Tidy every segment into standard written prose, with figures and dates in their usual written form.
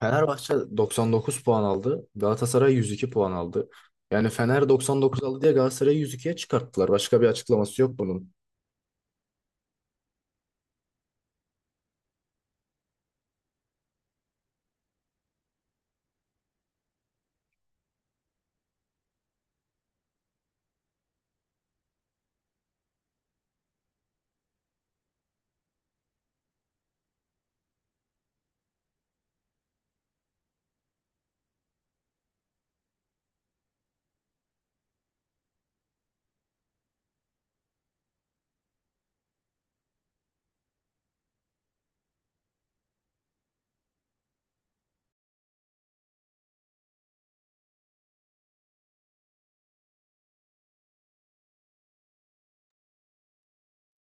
Fenerbahçe 99 puan aldı. Galatasaray 102 puan aldı. Yani Fener 99 aldı diye Galatasaray'ı 102'ye çıkarttılar. Başka bir açıklaması yok bunun.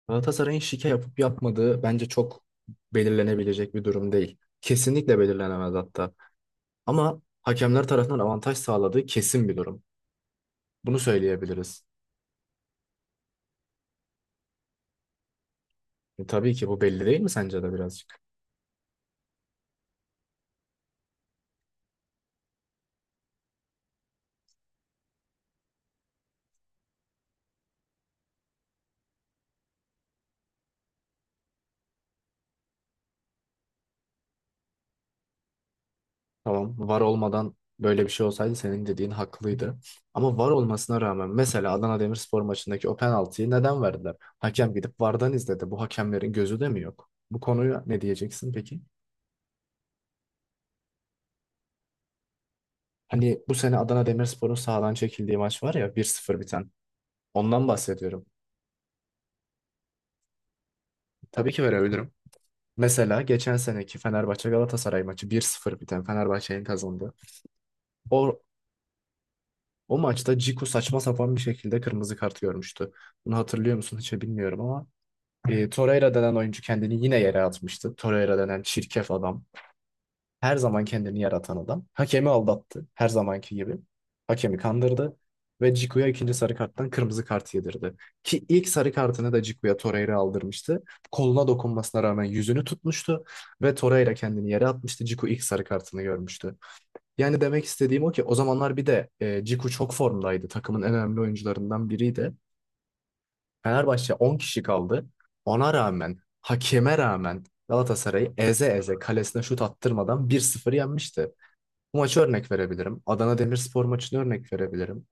Galatasaray'ın şike yapıp yapmadığı bence çok belirlenebilecek bir durum değil. Kesinlikle belirlenemez hatta. Ama hakemler tarafından avantaj sağladığı kesin bir durum. Bunu söyleyebiliriz. Tabii ki bu belli değil mi sence de birazcık? Tamam, var olmadan böyle bir şey olsaydı senin dediğin haklıydı. Ama var olmasına rağmen mesela Adana Demirspor maçındaki o penaltıyı neden verdiler? Hakem gidip VAR'dan izledi. Bu hakemlerin gözü de mi yok? Bu konuya ne diyeceksin peki? Hani bu sene Adana Demirspor'un sahadan çekildiği maç var ya bir sıfır biten. Ondan bahsediyorum. Tabii ki verebilirim. Mesela geçen seneki Fenerbahçe Galatasaray maçı bir sıfır biten Fenerbahçe'nin kazandığı. O O maçta Ciku saçma sapan bir şekilde kırmızı kart görmüştü. Bunu hatırlıyor musun hiç bilmiyorum ama Torreira denen oyuncu kendini yine yere atmıştı. Torreira denen çirkef adam. Her zaman kendini yaratan adam. Hakemi aldattı. Her zamanki gibi. Hakemi kandırdı. Ve Cicu'ya ikinci sarı karttan kırmızı kart yedirdi. Ki ilk sarı kartını da Cicu'ya Torreira aldırmıştı. Koluna dokunmasına rağmen yüzünü tutmuştu. Ve Torreira kendini yere atmıştı. Cicu ilk sarı kartını görmüştü. Yani demek istediğim o ki o zamanlar bir de Cicu çok formdaydı. Takımın en önemli oyuncularından biriydi. Fenerbahçe 10 kişi kaldı. Ona rağmen, hakeme rağmen Galatasaray'ı eze eze kalesine şut attırmadan 1-0 yenmişti. Bu maçı örnek verebilirim. Adana Demirspor maçını örnek verebilirim.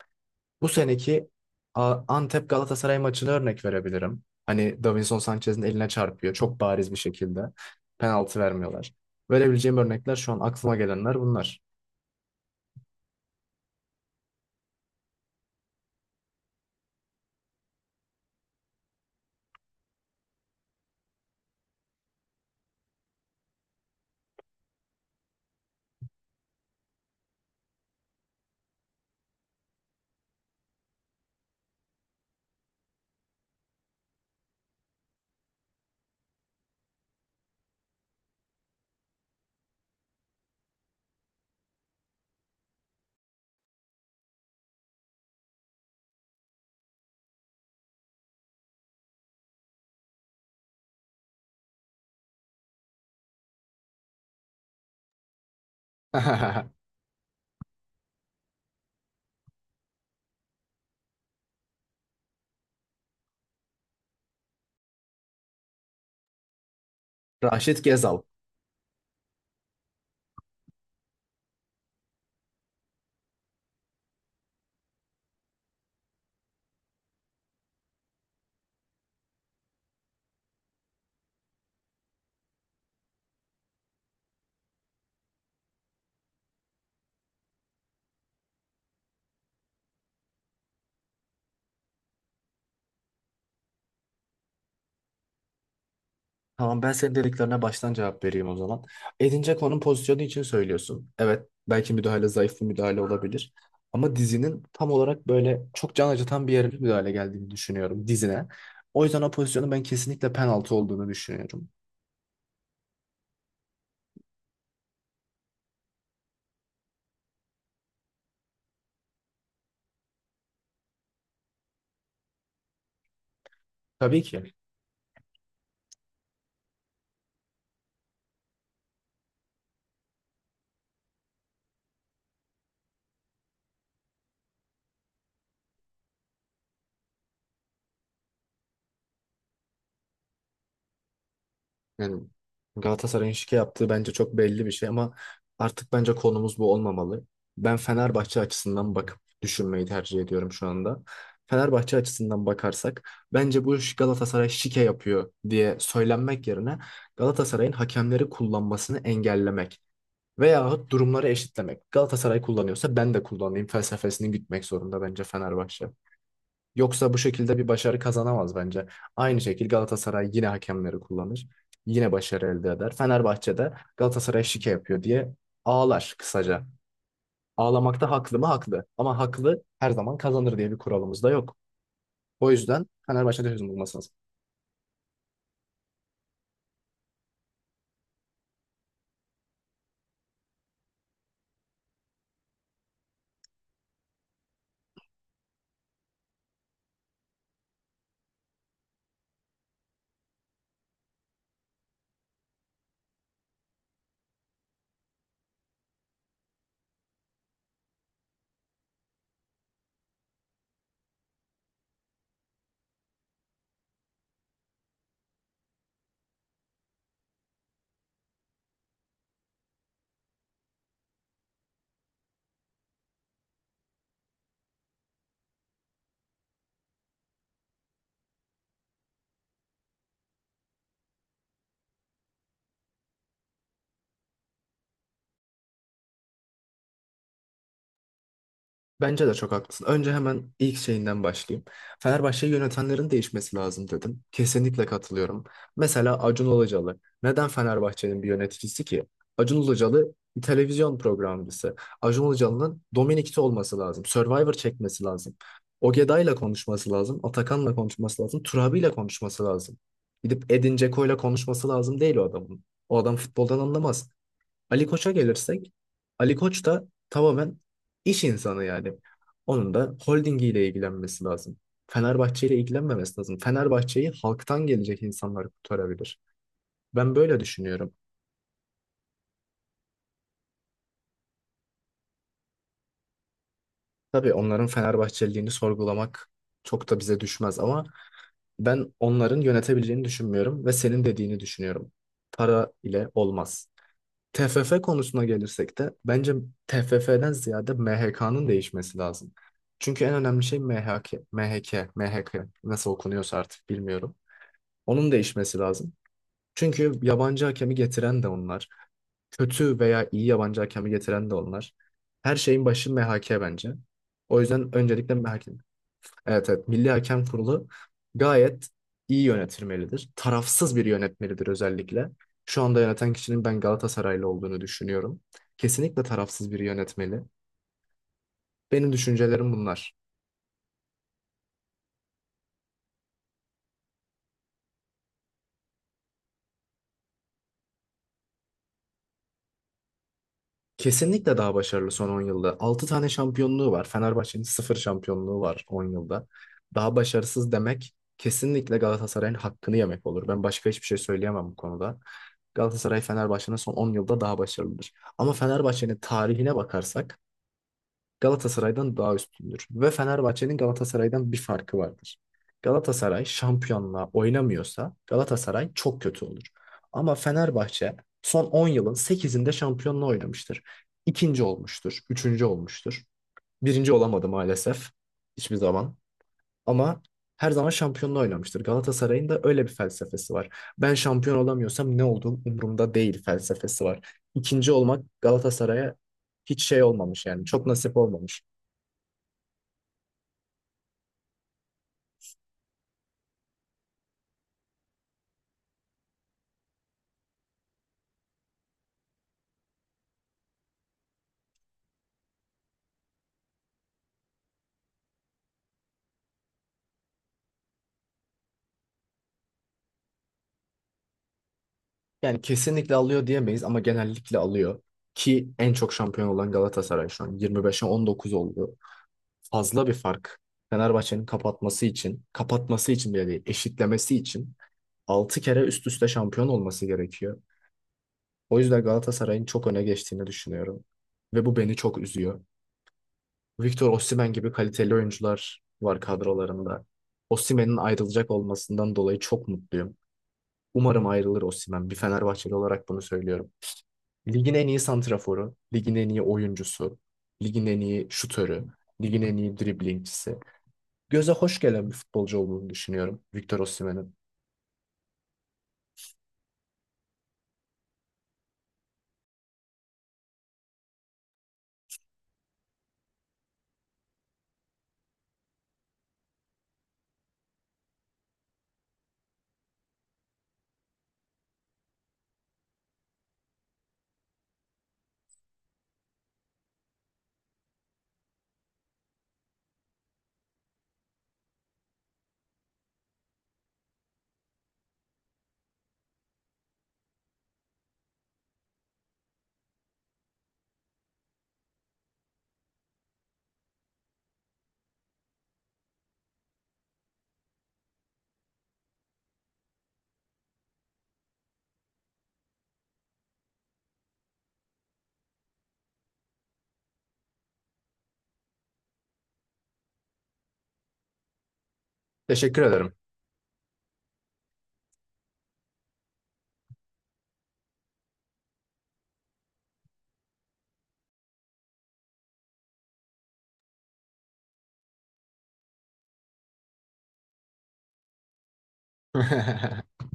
Bu seneki Antep Galatasaray maçını örnek verebilirim. Hani Davinson Sanchez'in eline çarpıyor çok bariz bir şekilde. Penaltı vermiyorlar. Verebileceğim örnekler şu an aklıma gelenler bunlar. Raşit Gezal. Tamam ben senin dediklerine baştan cevap vereyim o zaman. Edince konum pozisyonu için söylüyorsun. Evet belki müdahale zayıf bir müdahale olabilir. Ama dizinin tam olarak böyle çok can acıtan bir yere bir müdahale geldiğini düşünüyorum dizine. O yüzden o pozisyonun ben kesinlikle penaltı olduğunu düşünüyorum. Tabii ki. Yani Galatasaray'ın şike yaptığı bence çok belli bir şey ama artık bence konumuz bu olmamalı. Ben Fenerbahçe açısından bakıp düşünmeyi tercih ediyorum şu anda. Fenerbahçe açısından bakarsak bence bu iş Galatasaray şike yapıyor diye söylenmek yerine Galatasaray'ın hakemleri kullanmasını engellemek veyahut durumları eşitlemek. Galatasaray kullanıyorsa ben de kullanayım felsefesini gütmek zorunda bence Fenerbahçe. Yoksa bu şekilde bir başarı kazanamaz bence. Aynı şekilde Galatasaray yine hakemleri kullanır. Yine başarı elde eder. Fenerbahçe'de Galatasaray şike yapıyor diye ağlar kısaca. Ağlamakta haklı mı? Haklı. Ama haklı her zaman kazanır diye bir kuralımız da yok. O yüzden Fenerbahçe'de çözüm bulması lazım. Bence de çok haklısın. Önce hemen ilk şeyinden başlayayım. Fenerbahçe'yi yönetenlerin değişmesi lazım dedim. Kesinlikle katılıyorum. Mesela Acun Ilıcalı. Neden Fenerbahçe'nin bir yöneticisi ki? Acun Ilıcalı bir televizyon programcısı. Acun Ilıcalı'nın Dominik'te olması lazım. Survivor çekmesi lazım. Ogeday'la konuşması lazım. Atakan'la konuşması lazım. Turabi'yle konuşması lazım. Gidip Edin Dzeko'yla konuşması lazım değil o adamın. O adam futboldan anlamaz. Ali Koç'a gelirsek, Ali Koç da tamamen iş insanı yani. Onun da holdingiyle ilgilenmesi lazım. Fenerbahçe ile ilgilenmemesi lazım. Fenerbahçe'yi halktan gelecek insanlar kurtarabilir. Ben böyle düşünüyorum. Tabii onların Fenerbahçeliliğini sorgulamak çok da bize düşmez ama ben onların yönetebileceğini düşünmüyorum ve senin dediğini düşünüyorum. Para ile olmaz. TFF konusuna gelirsek de bence TFF'den ziyade MHK'nın değişmesi lazım. Çünkü en önemli şey MHK, MHK, MHK nasıl okunuyorsa artık bilmiyorum. Onun değişmesi lazım. Çünkü yabancı hakemi getiren de onlar. Kötü veya iyi yabancı hakemi getiren de onlar. Her şeyin başı MHK bence. O yüzden öncelikle MHK. Evet, evet, Milli Hakem Kurulu gayet iyi yönetilmelidir. Tarafsız bir yönetmelidir özellikle. Şu anda yöneten kişinin ben Galatasaraylı olduğunu düşünüyorum. Kesinlikle tarafsız bir yönetmeli. Benim düşüncelerim bunlar. Kesinlikle daha başarılı son 10 yılda. 6 tane şampiyonluğu var. Fenerbahçe'nin sıfır şampiyonluğu var 10 yılda. Daha başarısız demek kesinlikle Galatasaray'ın hakkını yemek olur. Ben başka hiçbir şey söyleyemem bu konuda. Galatasaray Fenerbahçe'nin son 10 yılda daha başarılıdır. Ama Fenerbahçe'nin tarihine bakarsak Galatasaray'dan daha üstündür ve Fenerbahçe'nin Galatasaray'dan bir farkı vardır. Galatasaray şampiyonla oynamıyorsa Galatasaray çok kötü olur. Ama Fenerbahçe son 10 yılın 8'inde şampiyonla oynamıştır. İkinci olmuştur, üçüncü olmuştur. Birinci olamadı maalesef hiçbir zaman. Ama her zaman şampiyonla oynamıştır. Galatasaray'ın da öyle bir felsefesi var. Ben şampiyon olamıyorsam ne olduğum umurumda değil felsefesi var. İkinci olmak Galatasaray'a hiç şey olmamış yani çok nasip olmamış. Yani kesinlikle alıyor diyemeyiz ama genellikle alıyor. Ki en çok şampiyon olan Galatasaray şu an 25'e 19 oldu. Fazla bir fark. Fenerbahçe'nin kapatması için, kapatması için bile değil, eşitlemesi için 6 kere üst üste şampiyon olması gerekiyor. O yüzden Galatasaray'ın çok öne geçtiğini düşünüyorum. Ve bu beni çok üzüyor. Victor Osimhen gibi kaliteli oyuncular var kadrolarında. Osimhen'in ayrılacak olmasından dolayı çok mutluyum. Umarım ayrılır Osimhen. Bir Fenerbahçeli olarak bunu söylüyorum. Ligin en iyi santraforu, ligin en iyi oyuncusu, ligin en iyi şutörü, ligin en iyi driblingçisi. Göze hoş gelen bir futbolcu olduğunu düşünüyorum Victor Osimhen'in. Teşekkür ederim.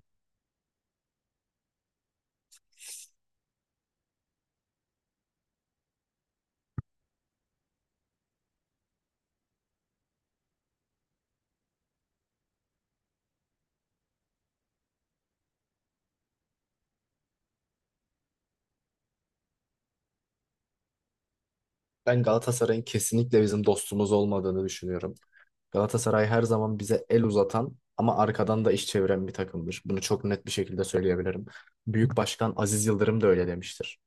Ben Galatasaray'ın kesinlikle bizim dostumuz olmadığını düşünüyorum. Galatasaray her zaman bize el uzatan ama arkadan da iş çeviren bir takımdır. Bunu çok net bir şekilde söyleyebilirim. Büyük Başkan Aziz Yıldırım da öyle demiştir.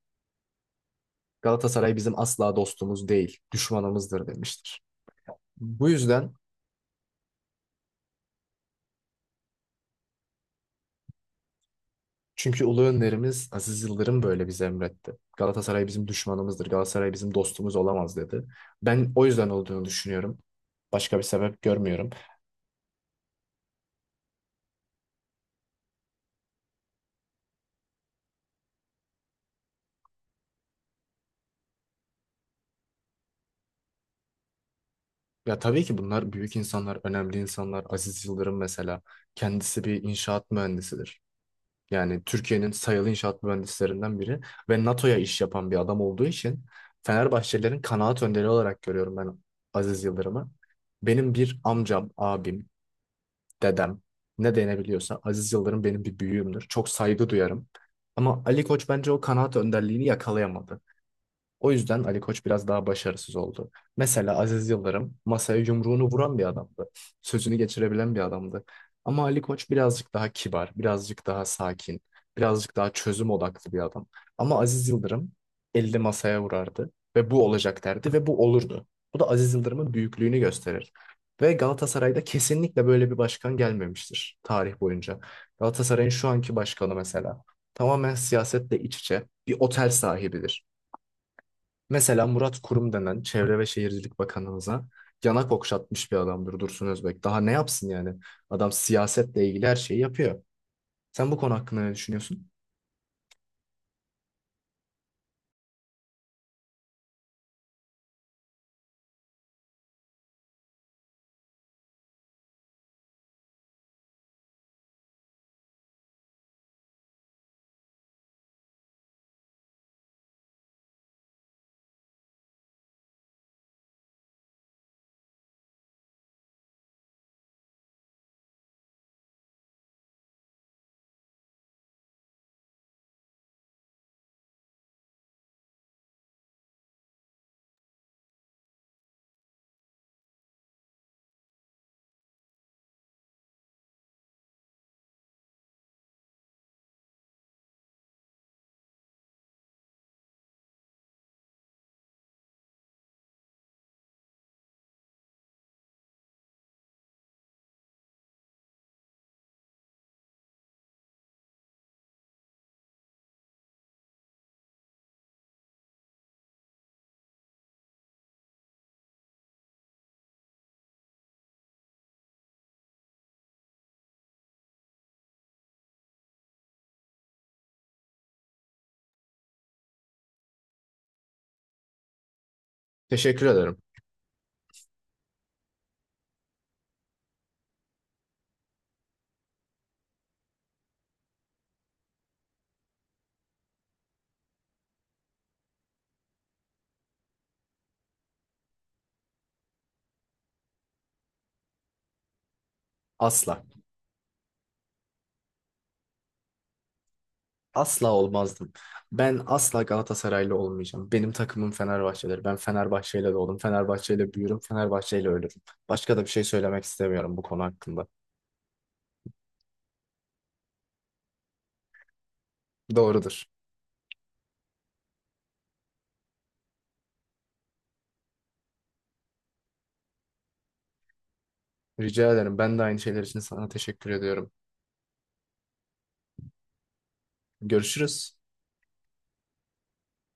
Galatasaray bizim asla dostumuz değil, düşmanımızdır demiştir. Bu yüzden Çünkü ulu önderimiz Aziz Yıldırım böyle bize emretti. Galatasaray bizim düşmanımızdır. Galatasaray bizim dostumuz olamaz dedi. Ben o yüzden olduğunu düşünüyorum. Başka bir sebep görmüyorum. Ya tabii ki bunlar büyük insanlar, önemli insanlar. Aziz Yıldırım mesela kendisi bir inşaat mühendisidir. Yani Türkiye'nin sayılı inşaat mühendislerinden biri ve NATO'ya iş yapan bir adam olduğu için Fenerbahçelilerin kanaat önderi olarak görüyorum ben Aziz Yıldırım'ı. Benim bir amcam, abim, dedem ne denebiliyorsa Aziz Yıldırım benim bir büyüğümdür. Çok saygı duyarım. Ama Ali Koç bence o kanaat önderliğini yakalayamadı. O yüzden Ali Koç biraz daha başarısız oldu. Mesela Aziz Yıldırım masaya yumruğunu vuran bir adamdı. Sözünü geçirebilen bir adamdı. Ama Ali Koç birazcık daha kibar, birazcık daha sakin, birazcık daha çözüm odaklı bir adam. Ama Aziz Yıldırım elde masaya vurardı ve bu olacak derdi ve bu olurdu. Bu da Aziz Yıldırım'ın büyüklüğünü gösterir. Ve Galatasaray'da kesinlikle böyle bir başkan gelmemiştir tarih boyunca. Galatasaray'ın şu anki başkanı mesela tamamen siyasetle iç içe bir otel sahibidir. Mesela Murat Kurum denen Çevre ve Şehircilik Bakanımıza yanak okşatmış bir adamdır Dursun Özbek. Daha ne yapsın yani? Adam siyasetle ilgili her şeyi yapıyor. Sen bu konu hakkında ne düşünüyorsun? Teşekkür ederim. Asla. Asla olmazdım. Ben asla Galatasaraylı olmayacağım. Benim takımım Fenerbahçe'dir. Ben Fenerbahçe'yle doğdum. Fenerbahçe'yle büyürüm. Fenerbahçe'yle ölürüm. Başka da bir şey söylemek istemiyorum bu konu hakkında. Doğrudur. Rica ederim. Ben de aynı şeyler için sana teşekkür ediyorum. Görüşürüz.